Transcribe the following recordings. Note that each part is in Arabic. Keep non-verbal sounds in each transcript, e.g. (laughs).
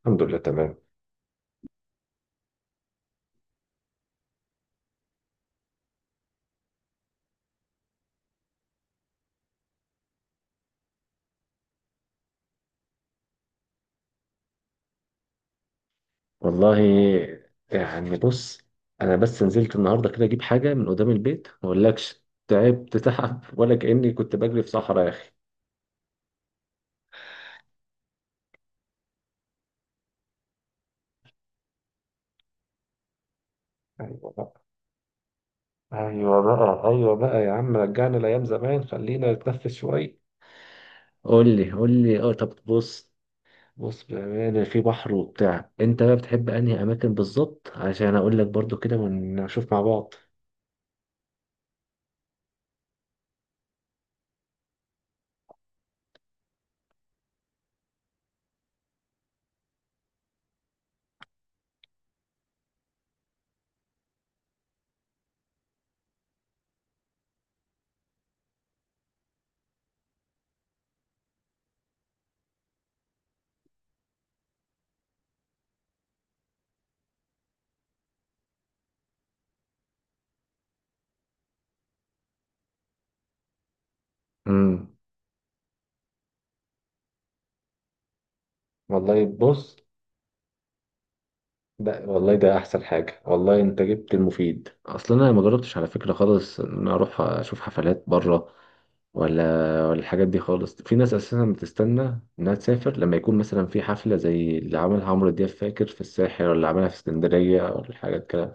الحمد لله تمام. والله، يعني بص، انا بس نزلت النهارده كده اجيب حاجه من قدام البيت، ما اقولكش تعبت (laughs) تعب ولا كاني كنت بجري في صحراء يا اخي. ايوه بقى، ايوه بقى، ايوه بقى، يا عم، رجعنا لايام زمان، خلينا نتنفس شويه. قول لي، قول لي، طب بص، بص بامانه، في بحر وبتاع، انت بقى بتحب انهي اماكن بالظبط عشان اقول لك برضو كده ونشوف مع بعض. امم والله بص، ده والله ده احسن حاجه، والله انت جبت المفيد، اصلا انا ما جربتش على فكره خالص ان أنا اروح اشوف حفلات بره ولا ولا الحاجات دي خالص. في ناس اساسا بتستنى انها تسافر لما يكون مثلا في حفله زي اللي عملها عمرو دياب، فاكر في الساحل ولا عملها في اسكندريه ولا الحاجات كده.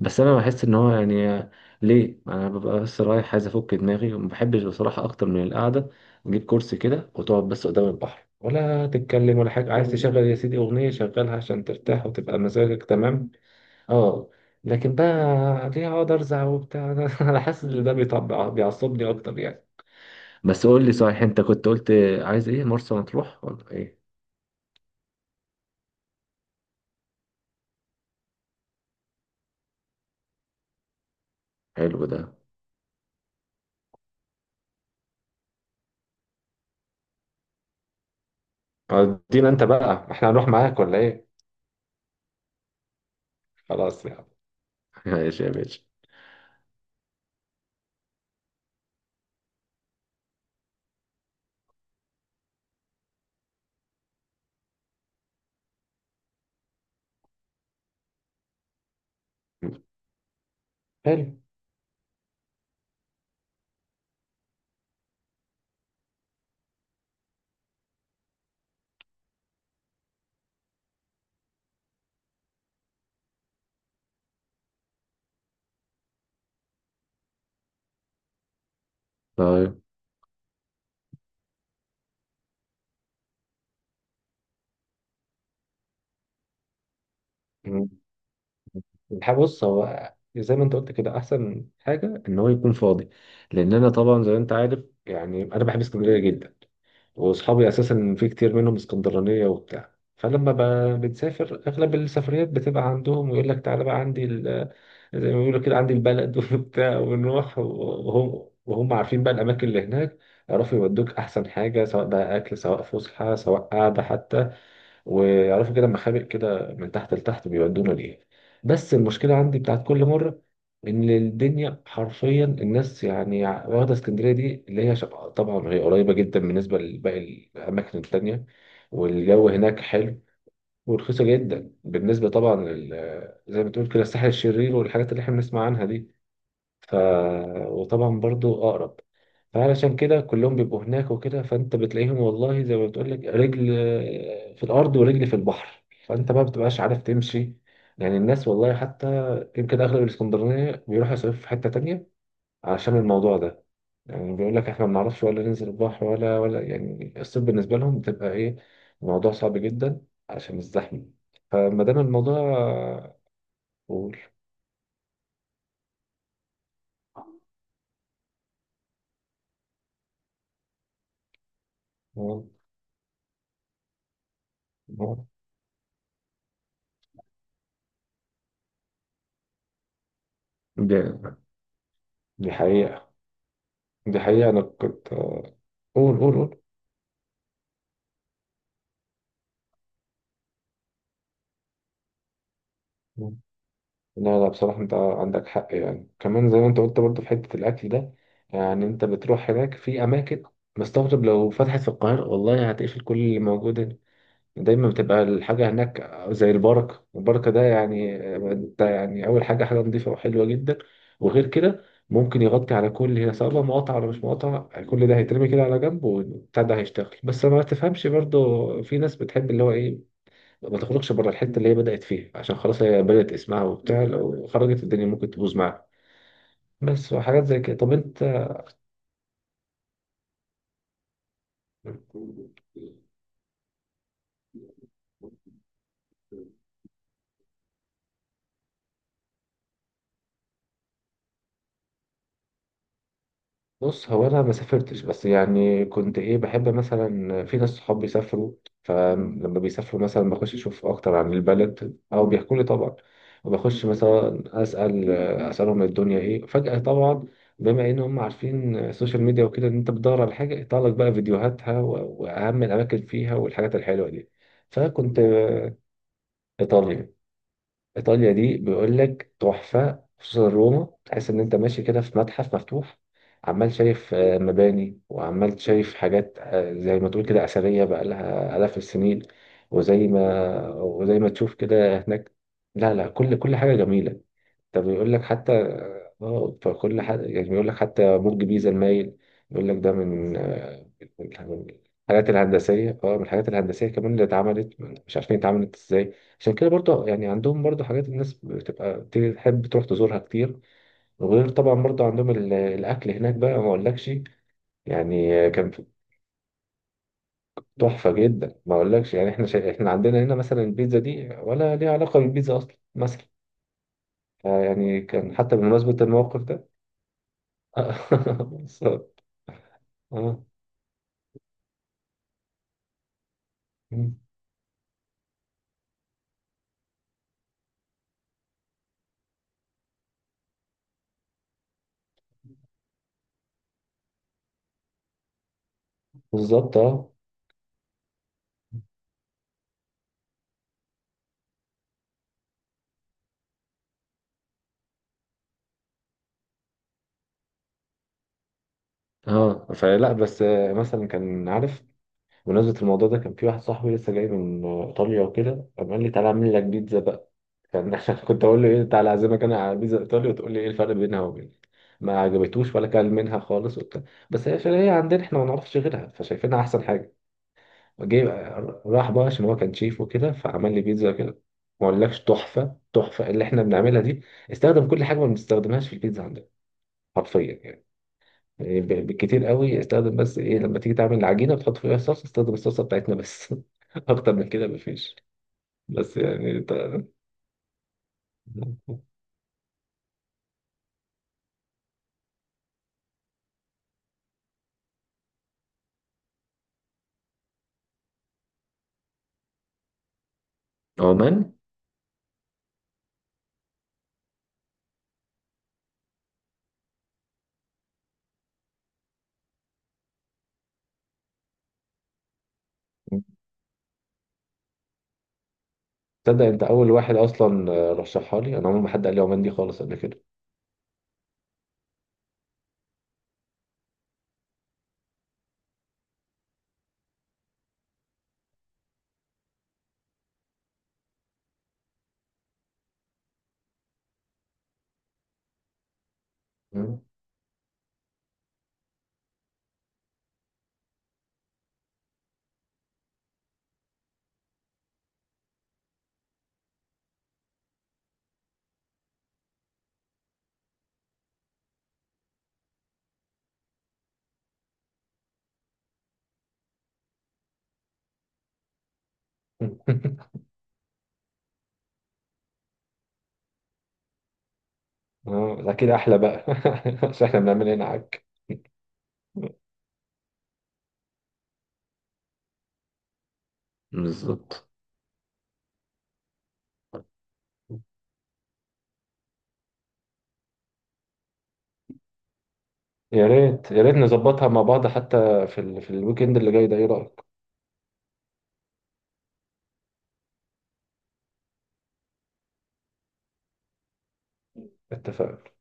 بس انا بحس ان هو يعني ليه انا ببقى بس رايح عايز افك دماغي، وما بحبش بصراحه اكتر من القعده. نجيب كرسي كده وتقعد بس قدام البحر، ولا تتكلم ولا حاجه، عايز تشغل يا سيدي اغنيه شغلها عشان ترتاح وتبقى مزاجك تمام. اه، لكن بقى، ليه اقعد ارزع وبتاع؟ (laughs) انا حاسس ان ده بيطبع بيعصبني اكتر يعني. بس قول لي صحيح، انت كنت قلت عايز ايه، مرسى مطروح ولا ايه؟ حلو ده. (laughs) ادينا انت بقى، احنا هنروح معاك ولا ايه؟ خلاص يعني. ماشي يا باشا. حلو. طيب. مم. الحق بص، هو زي ما انت قلت كده احسن حاجه ان هو يكون فاضي، لان انا طبعا زي ما انت عارف يعني انا بحب اسكندريه جدا. واصحابي اساسا في كتير منهم اسكندرانيه وبتاع، فلما بنسافر اغلب السفريات بتبقى عندهم، ويقول لك تعالى بقى عندي زي ما بيقولوا كده عندي البلد (laughs) وبتاع، ونروح، وهم عارفين بقى الاماكن اللي هناك. يعرفوا يودوك احسن حاجه، سواء بقى اكل، سواء فسحه، سواء قعده حتى، ويعرفوا كده مخابئ كده من تحت لتحت، بيودونا لإيه. بس المشكلة عندي بتاعت كل مرة إن الدنيا حرفيا الناس، يعني واخدة اسكندرية دي اللي هي طبعا هي قريبة جدا بالنسبة لباقي الأماكن التانية. والجو هناك حلو، ورخيصة جدا بالنسبة طبعا زي ما تقول كده الساحل الشرير، والحاجات اللي احنا بنسمع عنها دي. ف... وطبعا برضو أقرب، فعلشان كده كلهم بيبقوا هناك وكده، فأنت بتلاقيهم والله، زي ما بتقول لك، رجل في الأرض ورجل في البحر، فأنت ما بتبقاش عارف تمشي. يعني الناس والله، حتى يمكن أغلب الإسكندرانية بيروحوا يصيفوا في حتة تانية عشان الموضوع ده. يعني بيقول لك إحنا ما بنعرفش ولا ننزل البحر ولا يعني الصيف بالنسبة لهم بتبقى إيه، الموضوع صعب جدا عشان الزحمة، فما دام الموضوع. قول. آه، آه، دي دي حقيقة. دي حقيقة. أنا كنت قول، قول. قول لا، لا، بصراحة أنت عندك حق، يعني كمان زي ما أنت قلت برضه في حتة الأكل ده. يعني أنت بتروح هناك في أماكن، مستغرب لو فتحت في القاهرة، والله هتقفل كل اللي موجود هنا. دايما بتبقى الحاجة هناك زي البركة. البركة ده يعني أنت يعني أول حاجة، حاجة نظيفة وحلوة جدا. وغير كده ممكن يغطي على كل هي، سواء بقى مقاطعة ولا مش مقاطعة، كل ده هيترمي كده على جنب، والبتاع ده هيشتغل، بس ما تفهمش برضه. في ناس بتحب اللي هو إيه، ما تخرجش بره الحته اللي هي بدات فيها، عشان خلاص هي بدات اسمها وبتاع، لو خرجت الدنيا ممكن تبوظ معاها. بس وحاجات زي كده. طب انت، بص هو انا ما سافرتش، بس يعني كنت ايه بحب مثلا في ناس صحاب بيسافروا، فلما بيسافروا مثلا بخش اشوف اكتر عن البلد، او بيحكوا لي طبعا، وبخش مثلا اسالهم الدنيا ايه فجاه طبعا، بما ان هم عارفين السوشيال ميديا وكده ان انت بتدور على حاجه يطلع لك بقى فيديوهاتها و- واهم الاماكن فيها والحاجات الحلوه دي. فكنت، إيطاليا. إيطاليا دي بيقول لك تحفة، خصوصا روما، تحس إن أنت ماشي كده في متحف مفتوح، عمال شايف مباني، وعمال شايف حاجات زي ما تقول كده أثرية بقى لها آلاف السنين. وزي ما تشوف كده هناك. لا، لا، كل حاجة جميلة. طب يقول لك حتى، اه فكل حد يعني بيقول لك حتى برج بيزا المايل. يقول لك ده من من الحاجات الهندسية، من الحاجات الهندسية كمان اللي اتعملت، مش عارفين اتعملت ازاي. عشان كده برضه يعني عندهم برضه حاجات الناس بتبقى تحب تروح تزورها كتير، وغير طبعا برضه عندهم الأكل هناك بقى ما أقولكش. يعني كان تحفة جدا ما أقولكش، يعني احنا احنا عندنا هنا مثلا البيتزا دي، ولا ليها علاقة بالبيتزا أصلا مثلا. يعني كان حتى بمناسبة الموقف ده. (laughs) بس- اه مم. بالظبط، اه، اه، فلا بس مثلا كان عارف، بمناسبة الموضوع ده كان في واحد صاحبي لسه جاي من ايطاليا وكده، قام قال لي تعالى اعمل لك بيتزا بقى. كان (laughs) كنت اقول له ايه، تعالى اعزمك انا على بيتزا ايطاليا وتقول لي ايه الفرق بينها وبين؟ ما عجبتوش ولا كان منها خالص وبتاع، بس هي عشان هي عندنا احنا ما نعرفش غيرها فشايفينها احسن حاجة. جاي راح بقى عشان هو كان شيف وكده، فعمل لي بيتزا كده ما اقولكش تحفة. تحفة اللي احنا بنعملها دي، استخدم كل حاجة ما بنستخدمهاش في البيتزا حرفيا يعني بالكتير قوي، استخدم بس ايه لما تيجي تعمل العجينه وتحط فيها الصلصه، استخدم الصلصه بتاعتنا بس. (laughs) اكتر من كده مفيش. بس يعني انت، عمان، تصدق انت اول واحد اصلا رشحها لي؟ انا عمري ما حد قال لي عمان دي خالص قبل كده. مم. (laughs) اه، اكيد احلى بقى. (laughs) عشان احنا بنعمل هنا عك. بالظبط. يا ريت، يا ريت نظبطها مع بعض، حتى في في الويك اند اللي جاي ده، ايه رايك؟ اتفقنا.